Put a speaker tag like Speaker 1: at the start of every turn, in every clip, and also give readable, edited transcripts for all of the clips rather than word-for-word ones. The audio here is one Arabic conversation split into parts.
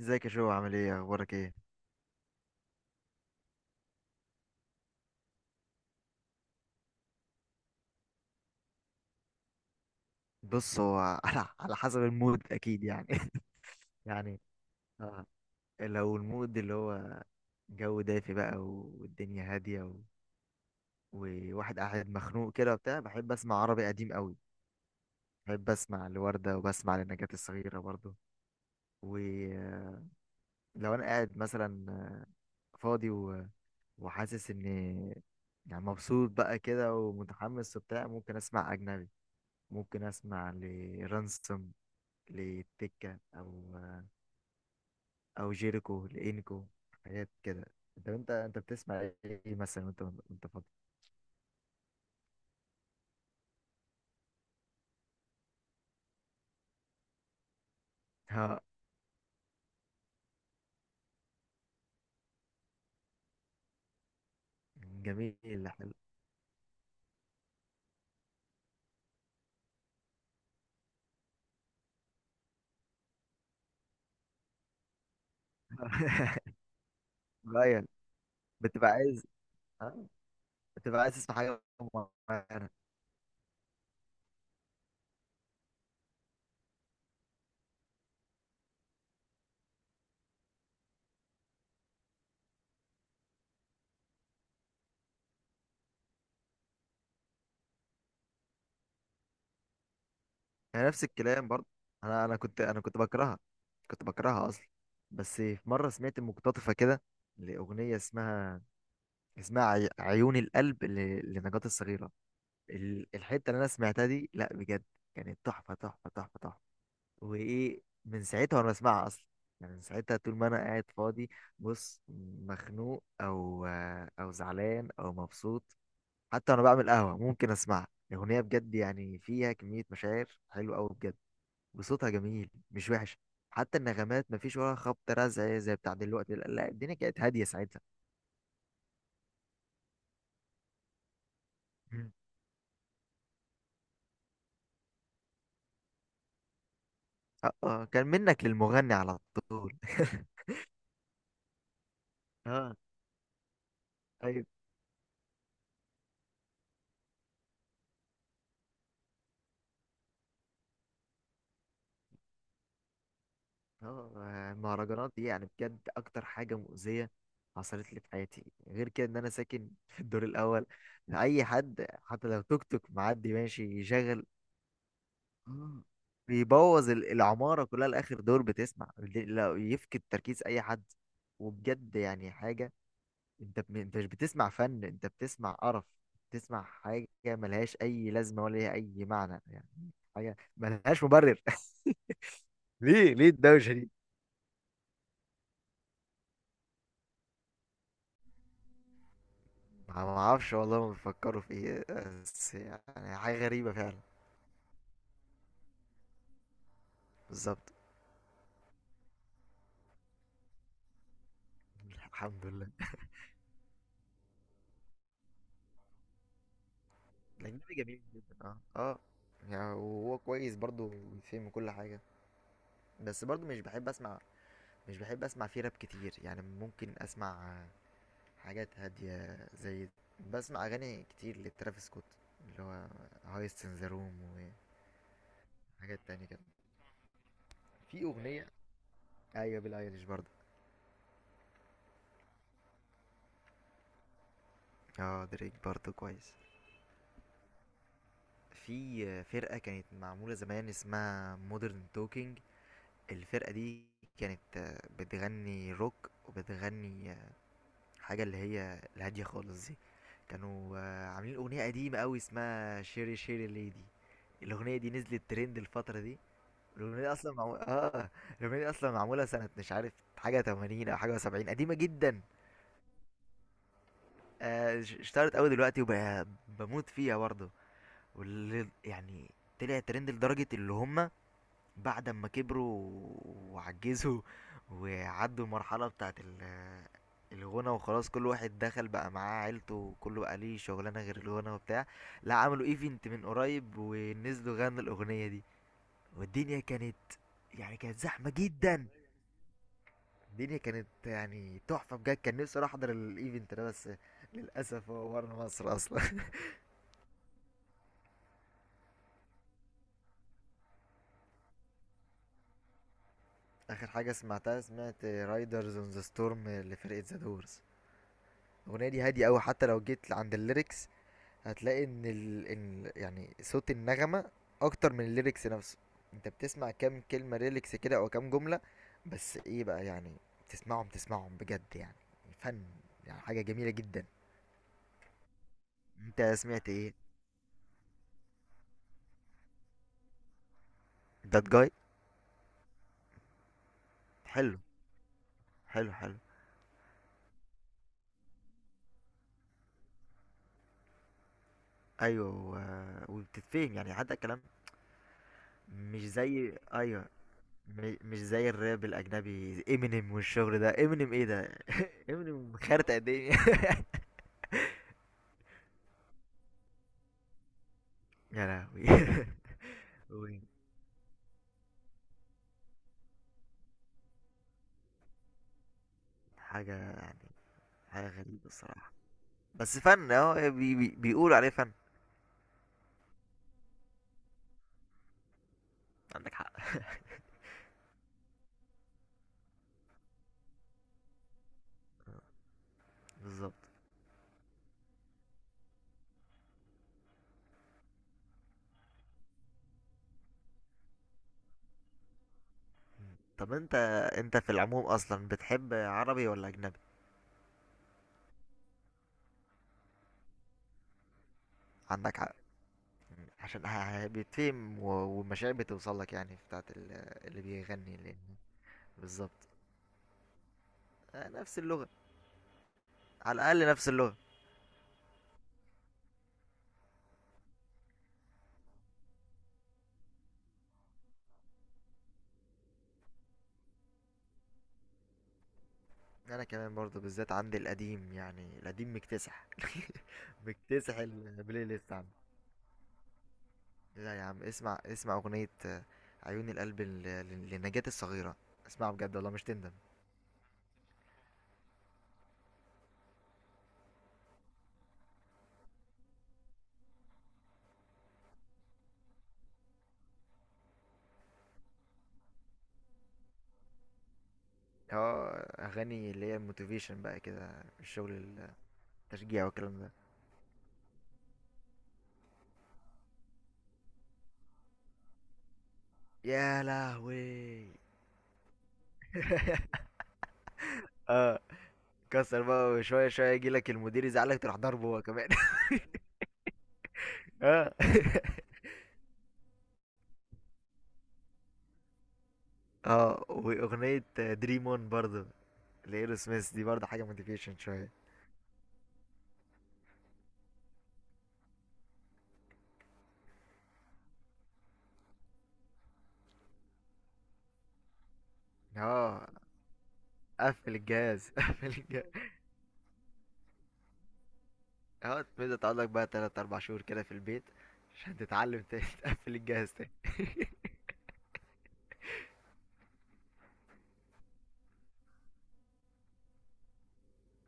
Speaker 1: ازيك يا شو؟ عامل ايه؟ اخبارك ايه؟ بص، هو على حسب المود اكيد يعني. يعني آه. لو المود اللي هو جو دافي بقى والدنيا هاديه وواحد قاعد مخنوق كده وبتاع، بحب اسمع عربي قديم قوي. بحب اسمع لوردة وبسمع لنجاة الصغيرة برضو. ولو انا قاعد مثلا فاضي وحاسس ان يعني مبسوط بقى كده ومتحمس وبتاع، ممكن اسمع اجنبي. ممكن اسمع لرانسوم لتكة او جيريكو لإنكو، حاجات كده. انت بتسمع ايه مثلا، وانت فاضي؟ ها، جميل، حلو. غير. بتبقى عايز، ها؟ بتبقى عايز تسمع حاجه معينه؟ يعني نفس الكلام برضه. انا كنت بكرهها اصلا. بس في مره سمعت مقتطفه كده لاغنيه اسمها عيون القلب لنجاة الصغيره. الحته اللي انا سمعتها دي لا، بجد كانت تحفه تحفه تحفه تحفه. وايه، من ساعتها وانا بسمعها اصلا. يعني من ساعتها طول ما انا قاعد فاضي، بص، مخنوق او زعلان او مبسوط، حتى وانا بعمل قهوه ممكن اسمعها. الاغنيه بجد يعني فيها كميه مشاعر حلوه قوي بجد. وصوتها جميل، مش وحش. حتى النغمات، مفيش ولا خبط رزع زي بتاع دلوقتي، لا لا، الدنيا كانت هاديه ساعتها. مم. اه، آه، كان منك للمغني على طول. اه. ايوه. اه، المهرجانات دي يعني بجد اكتر حاجه مؤذيه حصلت لي في حياتي، غير كده ان انا ساكن في الدور الاول. اي حد حتى لو توك توك معدي ماشي يشغل. آه. بيبوظ العماره كلها لاخر دور بتسمع، لو يفقد تركيز اي حد. وبجد يعني حاجه. انت مش بتسمع فن، انت بتسمع قرف. بتسمع حاجه ملهاش اي لازمه ولا ليها اي معنى يعني. حاجه ملهاش مبرر. ليه ليه الدوشة دي؟ ما اعرفش والله، ما بيفكروا في ايه؟ بس يعني حاجه غريبه فعلا. بالظبط. الحمد لله. الاجنبي جميل جدا، اه اه. يعني وهو كويس برضو بيفهم كل حاجه. بس برضو مش بحب اسمع فيه راب كتير. يعني ممكن اسمع حاجات هاديه زي، بسمع اغاني كتير لترافيس سكوت، اللي هو هايست ان ذا روم، وحاجات تانية كده. في اغنيه. ايوه بيلي ايليش برضو. اه دريك برضو كويس. في فرقة كانت معمولة زمان اسمها مودرن توكينج. الفرقة دي كانت بتغني روك وبتغني حاجة اللي هي الهادية خالص دي. كانوا عاملين أغنية قديمة أوي اسمها شيري شيري ليدي. الأغنية دي نزلت ترند الفترة دي. الأغنية دي أصلا معمولة الأغنية دي أصلا معمولة سنة مش عارف حاجة 80 أو حاجة 70، قديمة جدا. اشتهرت أوي دلوقتي وبموت فيها برضه. واللي يعني طلع ترند لدرجة اللي هم بعد ما كبروا وعجزوا وعدوا المرحلة بتاعت الغنى وخلاص، كل واحد دخل بقى معاه عيلته وكله بقى ليه شغلانة غير الغنى وبتاع، لا عملوا ايفنت من قريب ونزلوا غنوا الأغنية دي. والدنيا كانت يعني كانت زحمة جدا. الدنيا كانت يعني تحفة بجد. كان نفسي اروح احضر الايفنت ده، بس للأسف هو ورا مصر أصلا. آخر حاجة سمعتها، سمعت رايدرز اون ذا ستورم لفرقة ذا دورز. الأغنية دي هادية أوي، حتى لو جيت عند الليركس هتلاقي إن يعني صوت النغمة اكتر من الليركس نفسه. انت بتسمع كام كلمة ليركس كده او كام جملة، بس ايه بقى يعني؟ تسمعهم تسمعهم بجد يعني فن، يعني حاجة جميلة جدا. انت سمعت ايه؟ دات جاي. حلو حلو حلو. ايوه وبتتفهم يعني حتى الكلام. مش زي، ايوه، مش زي الراب الاجنبي. امينيم والشغل ده، امينيم ايه ده؟ امينيم خارطة الدنيا. يا لهوي. وين. حاجة، حاجة غريبة الصراحة. بس فن اهو، بي بي بيقولوا عليه فن. عندك حق. بالظبط. مم. طب انت في العموم اصلا بتحب عربي ولا اجنبي؟ عندك حق. مم. عشان بيتفهم والمشاعر بتوصل لك، يعني بتاعت اللي بيغني اللي. بالظبط. آه، نفس اللغة. على الاقل نفس اللغة. انا كمان برضو، بالذات عندي القديم، يعني القديم مكتسح. مكتسح البلاي ليست عندي. لا يا عم، اسمع اسمع اغنية عيون القلب لنجاة الصغيرة. اسمعها بجد، والله مش تندم. اه، اغاني اللي هي الموتيفيشن بقى كده، الشغل، التشجيع والكلام ده. يا لهوي. اه، كسر بقى، وشوية شوية يجيلك المدير، يزعلك تروح ضربه هو كمان. اه. اه، واغنية دريم اون برضه لايرو سميث دي برضه حاجة موتيفيشن شوية. اه، قفل الجهاز. قفل الجهاز. اه، تبدأ تقعد لك بقى تلات أربع شهور كده في البيت عشان تتعلم تاني. تقفل الجهاز تاني.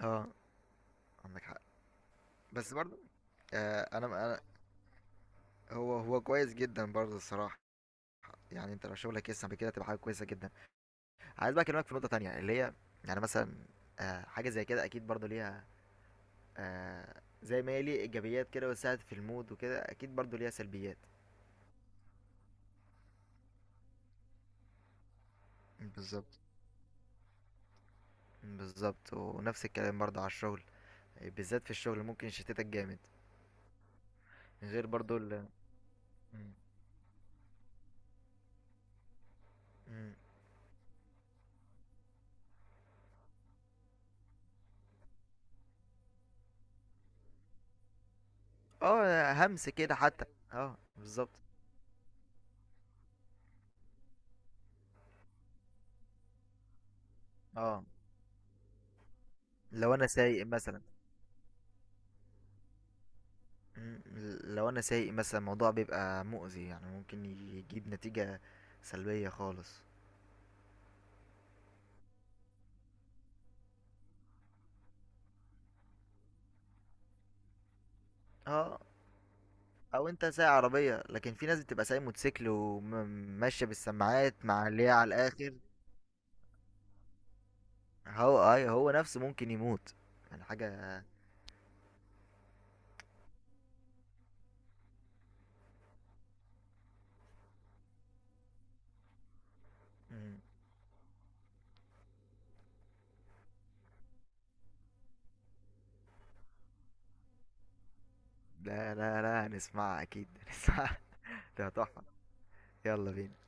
Speaker 1: اه. عندك حق. بس برضه آه، انا هو كويس جدا برضه الصراحة. يعني انت لو شغلك يسمح بكده تبقى حاجة كويسة جدا. عايز بقى اكلمك في نقطة تانية اللي هي، يعني مثلا آه حاجة زي كده اكيد برضه ليها، آه زي ما هي ليه ايجابيات كده وساعد في المود وكده اكيد برضه ليها سلبيات. بالظبط، بالظبط ونفس الكلام برضه على الشغل. بالذات في الشغل ممكن يشتتك جامد. غير برضو مم. اه، همس كده حتى. اه، بالظبط. اه، لو انا سايق مثلا، م- الموضوع بيبقى مؤذي يعني ممكن يجيب نتيجة سلبية خالص. اه، او انت سايق عربية، لكن في ناس بتبقى سايق موتوسيكل وماشية بالسماعات مع اللي هي على الاخر. هو نفسه ممكن يموت. يعني حاجة. مم. لا لا لا، هنسمعها اكيد، هنسمعها. ده تحفة. يلا بينا.